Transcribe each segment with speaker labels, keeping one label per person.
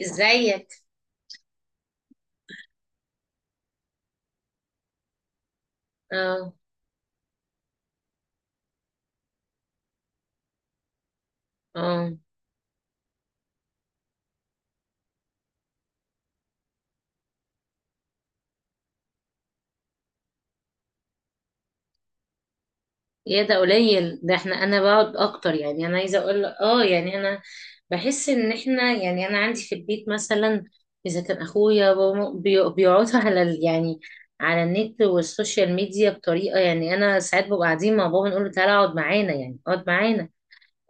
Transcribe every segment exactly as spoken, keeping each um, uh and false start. Speaker 1: ازيك؟ اه اه يا ده قليل، ده احنا انا بقعد اكتر. يعني انا عايزه اقول لك، اه يعني انا بحس ان احنا يعني انا عندي في البيت مثلا، اذا كان اخويا بابا بي- بيقعدوا على ال- يعني على النت والسوشيال ميديا بطريقه، يعني انا ساعات ببقى قاعدين مع بابا نقول له تعالى اقعد معانا، يعني اقعد معانا.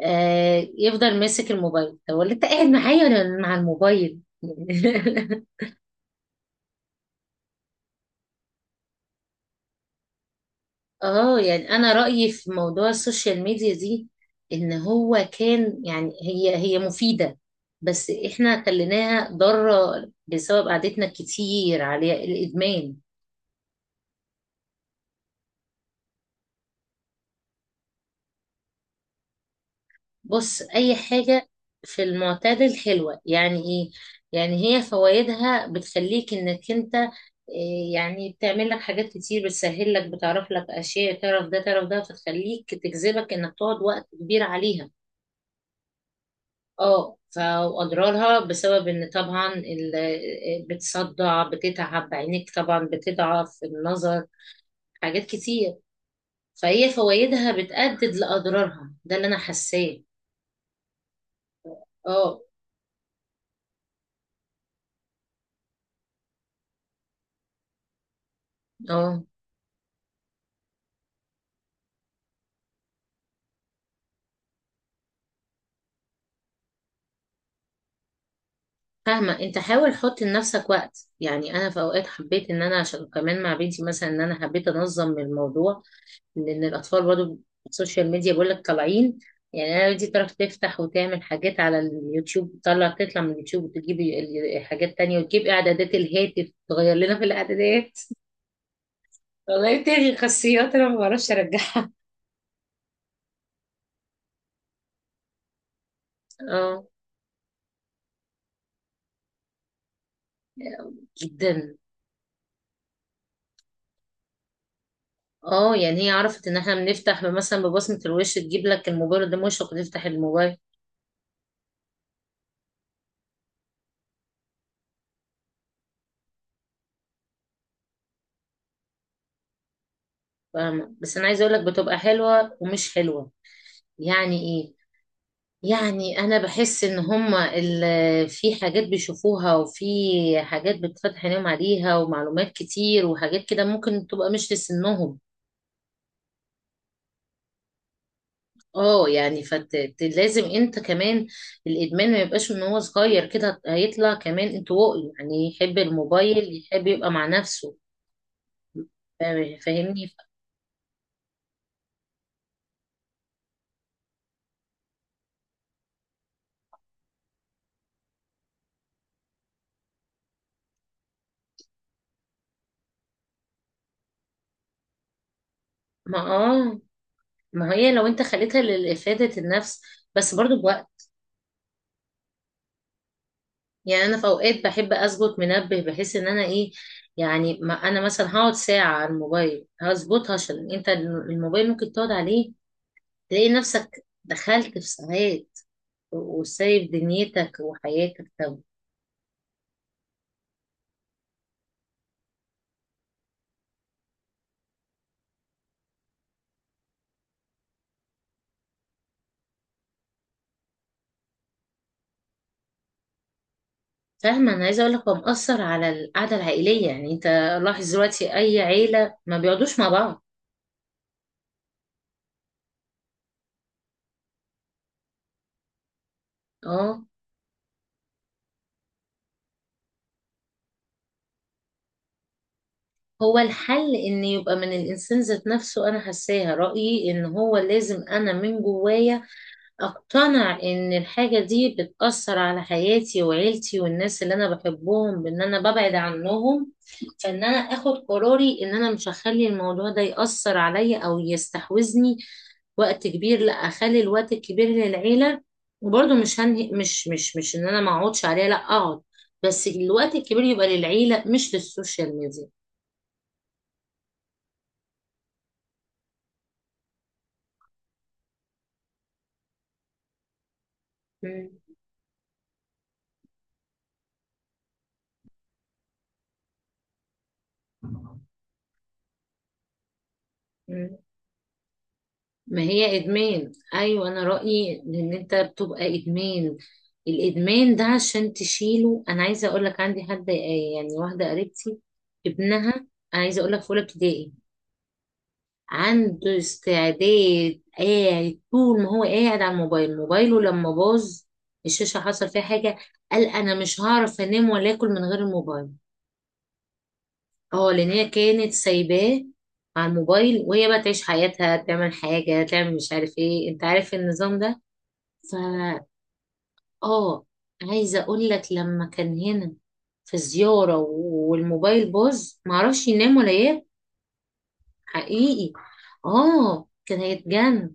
Speaker 1: آه، يفضل ماسك الموبايل. طب ولا انت قاعد معايا ولا مع الموبايل؟ اه يعني انا رأيي في موضوع السوشيال ميديا دي ان هو كان، يعني هي هي مفيدة، بس احنا خليناها ضارة بسبب قعدتنا كتير عليها، الادمان. بص، اي حاجة في المعتدل حلوة. يعني ايه؟ يعني هي فوائدها بتخليك انك انت إيه، يعني بتعمل لك حاجات كتير، بتسهل لك، بتعرف لك اشياء، تعرف ده تعرف ده، فتخليك تجذبك انك تقعد وقت كبير عليها. اه فاضرارها بسبب ان طبعا ال- بتصدع، بتتعب عينيك، طبعا بتضعف النظر، حاجات كتير. فهي فوائدها بتأدد لأضرارها، ده اللي انا حاساه. اه اه فاهمة، انت حاول حط لنفسك وقت. يعني انا في اوقات حبيت ان انا عشان كمان مع بنتي مثلا، ان انا حبيت انظم الموضوع، لان الاطفال برضو السوشيال ميديا بيقول لك طالعين. يعني انا دي تعرف تفتح وتعمل حاجات على اليوتيوب، تطلع تطلع من اليوتيوب وتجيب ال- حاجات تانية، وتجيب اعدادات الهاتف تغير لنا في الاعدادات. والله تلغي خاصيات انا ما بعرفش ارجعها. اه، جدا. اه، يعني هي عرفت ان احنا بنفتح مثلا ببصمة الوش، تجيب لك الموبايل ده مشرق وتفتح الموبايل. فاهمة، بس انا عايزه اقول لك بتبقى حلوة ومش حلوة. يعني ايه؟ يعني انا بحس ان هما ال- في حاجات بيشوفوها، وفي حاجات بتفتح عينيهم عليها، ومعلومات كتير، وحاجات كده ممكن تبقى مش لسنهم. اه، يعني فلازم انت كمان الادمان ما يبقاش من هو صغير كده، هيطلع كمان انطوائي، يعني يحب الموبايل يحب يبقى مع نفسه. فاهم- فاهمني. ما اه ما هي لو انت خليتها لافاده النفس بس برضو بوقت. يعني انا في اوقات بحب اظبط منبه بحيث ان انا ايه، يعني ما انا مثلا هقعد ساعة على الموبايل هظبطها، عشان انت الموبايل ممكن تقعد عليه تلاقي نفسك دخلت في ساعات وسايب دنيتك وحياتك. طب فاهمة، انا عايزة اقول لك هو مأثر على القعدة العائلية. يعني انت لاحظ دلوقتي اي عيلة ما بيقعدوش مع بعض. اه، هو الحل ان يبقى من الانسان ذات نفسه، انا حاساها رأيي ان هو لازم انا من جوايا اقتنع ان الحاجة دي بتأثر على حياتي وعيلتي والناس اللي انا بحبهم، بان انا ببعد عنهم. فان انا اخد قراري ان انا مش هخلي الموضوع ده يأثر عليا او يستحوذني وقت كبير، لا اخلي الوقت الكبير للعيلة. وبرضه مش هنهي، مش مش مش ان انا ما اقعدش عليها، لا اقعد، بس الوقت الكبير يبقى للعيلة مش للسوشيال ميديا. مم. مم. ما هي ادمان. ايوه، انا رايي ان انت بتبقى ادمان. الادمان ده عشان تشيله، انا عايزه اقول لك عندي حد، آه، يعني واحده قريبتي، ابنها، انا عايزه اقول لك في اولى ابتدائي، عنده استعداد قاعد طول ما هو قاعد على الموبايل. موبايله لما باظ، الشاشه حصل فيها حاجه، قال انا مش هعرف انام ولا اكل من غير الموبايل. اه، لان هي كانت سايباه على الموبايل وهي بقى تعيش حياتها، تعمل حاجه تعمل مش عارف ايه، انت عارف النظام ده. ف اه عايزه اقول لك لما كان هنا في زياره والموبايل باظ، معرفش ينام ولا ياكل. حقيقي، اه كان هيتجنن.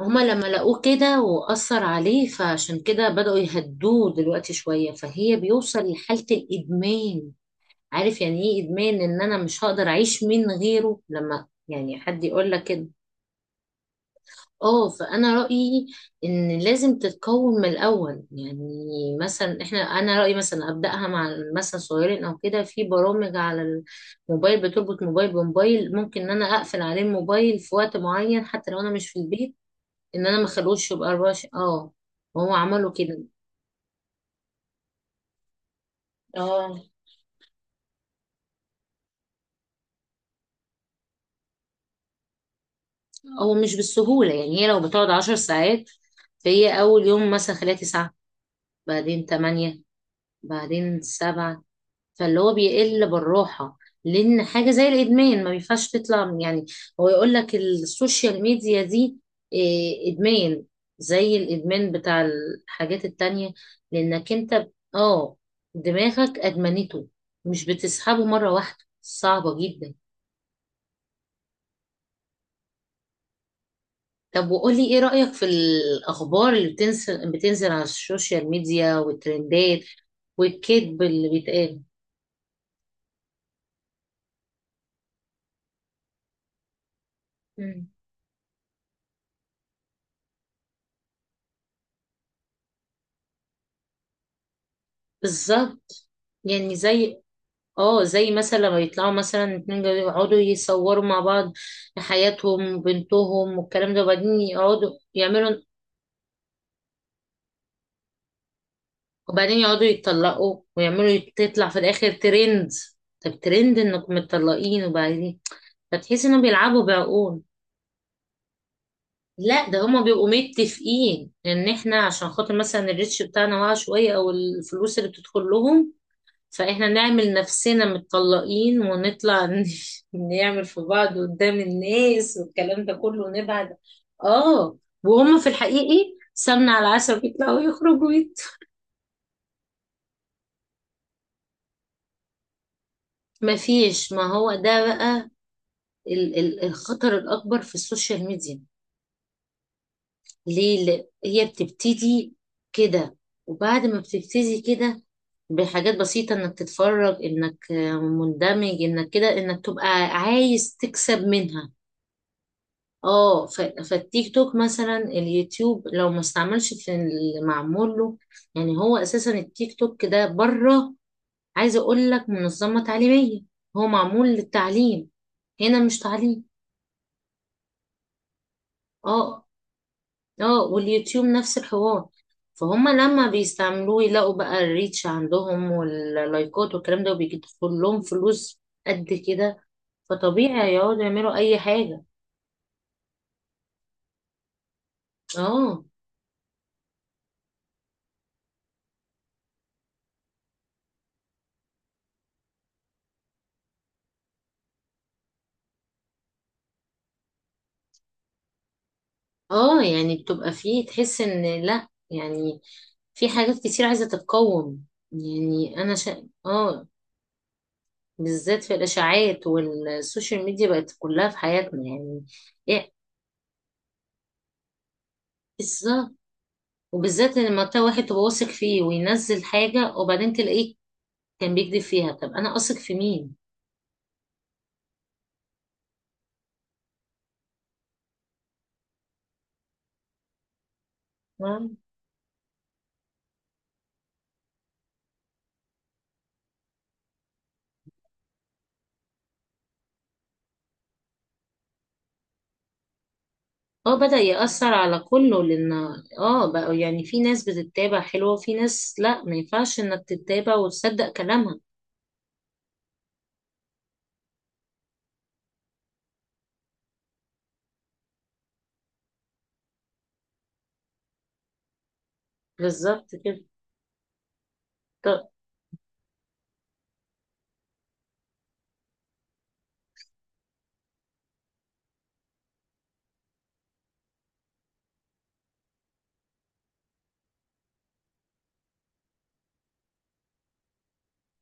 Speaker 1: هما لما لقوه كده وأثر عليه فعشان كده بدأوا يهدوه دلوقتي شوية، فهي بيوصل لحالة الإدمان. عارف يعني إيه إدمان؟ إن أنا مش هقدر أعيش من غيره، لما يعني حد يقول لك كده. اه، فانا رايي ان لازم تتكون من الاول. يعني مثلا احنا انا رايي مثلا ابداها مع مثلا صغيرين او كده، في برامج على الموبايل بتربط موبايل بموبايل، ممكن ان انا اقفل عليه الموبايل في وقت معين حتى لو انا مش في البيت، ان انا ما اخلوش يبقى اربعة وعشرين. اه، هو عملوا كده. اه، هو مش بالسهوله، يعني هي لو بتقعد 10 ساعات فهي اول يوم مثلا خليها تسعة، بعدين تمانية، بعدين سبعة، فاللي هو بيقل بالراحة. لأن حاجة زي الإدمان ما ينفعش تطلع يعني، هو يقول لك السوشيال ميديا دي إيه، إدمان زي الإدمان بتاع الحاجات التانية، لأنك أنت ب- آه دماغك أدمنته، مش بتسحبه مرة واحدة، صعبة جدا. طب وقولي إيه رأيك في الأخبار اللي بتنزل بتنزل على السوشيال ميديا والترندات والكذب اللي بيتقال؟ مم. بالظبط. يعني زي، اه، زي مثلا لما يطلعوا مثلا اتنين جوا- يقعدوا يصوروا مع بعض حياتهم وبنتهم والكلام ده، وبعدين يقعدوا يعملوا، وبعدين يقعدوا يتطلقوا ويعملوا تطلع في الاخر ترند. طب ترند انكم متطلقين؟ وبعدين فتحس انهم بيلعبوا بعقول. لا، ده هما بيبقوا متفقين ان احنا عشان خاطر مثلا الريتش بتاعنا واقع شوية او الفلوس اللي بتدخل لهم، فاحنا نعمل نفسنا متطلقين ونطلع ن- نعمل في بعض قدام الناس والكلام ده كله ونبعد. اه، وهم في الحقيقي سمنة على العسل، بيطلعوا يخرجوا ويت مفيش. ما هو ده بقى ال- ال- الخطر الأكبر في السوشيال ميديا. ليه؟ لأ- هي بتبتدي كده، وبعد ما بتبتدي كده بحاجات بسيطة، انك تتفرج، انك آه، مندمج، انك كده انك تبقى عايز تكسب منها. اه، ف- فالتيك توك مثلا، اليوتيوب، لو ما استعملش في اللي معمول له، يعني هو اساسا التيك توك ده بره، عايزه اقول لك، منظمه تعليميه، هو معمول للتعليم. هنا مش تعليم. اه اه واليوتيوب نفس الحوار. فهم لما بيستعملوه يلاقوا بقى الريتش عندهم واللايكات والكلام ده وبيدخل لهم فلوس قد كده، فطبيعي يقعدوا يعملوا اي حاجه. اه، اه يعني بتبقى فيه، تحس ان لا يعني في حاجات كتير عايزة تتقوم. يعني أنا شا... آه بالذات في الإشاعات، والسوشيال ميديا بقت كلها في حياتنا يعني. إيه، بالظبط. وبالذات لما تلاقي واحد تبقى واثق فيه وينزل حاجة وبعدين تلاقيه كان بيكذب فيها، طب أنا أثق في مين؟ مم. اه، بدأ يأثر على كله. لأن اه، بقى يعني في ناس بتتابع حلوة وفي ناس لا، ما ينفعش إنك تتابع وتصدق كلامها. بالظبط كده.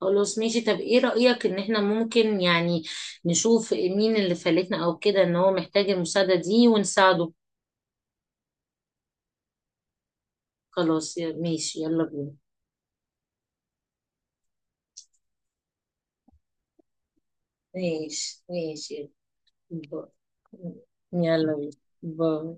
Speaker 1: خلاص ماشي. طب ايه رأيك ان احنا ممكن يعني نشوف مين اللي فلتنا او كده ان هو محتاج المساعدة دي ونساعده؟ خلاص، يا- ماشي، يلا بينا. ماشي ماشي. يلا بينا. باي. يلا بينا. باي.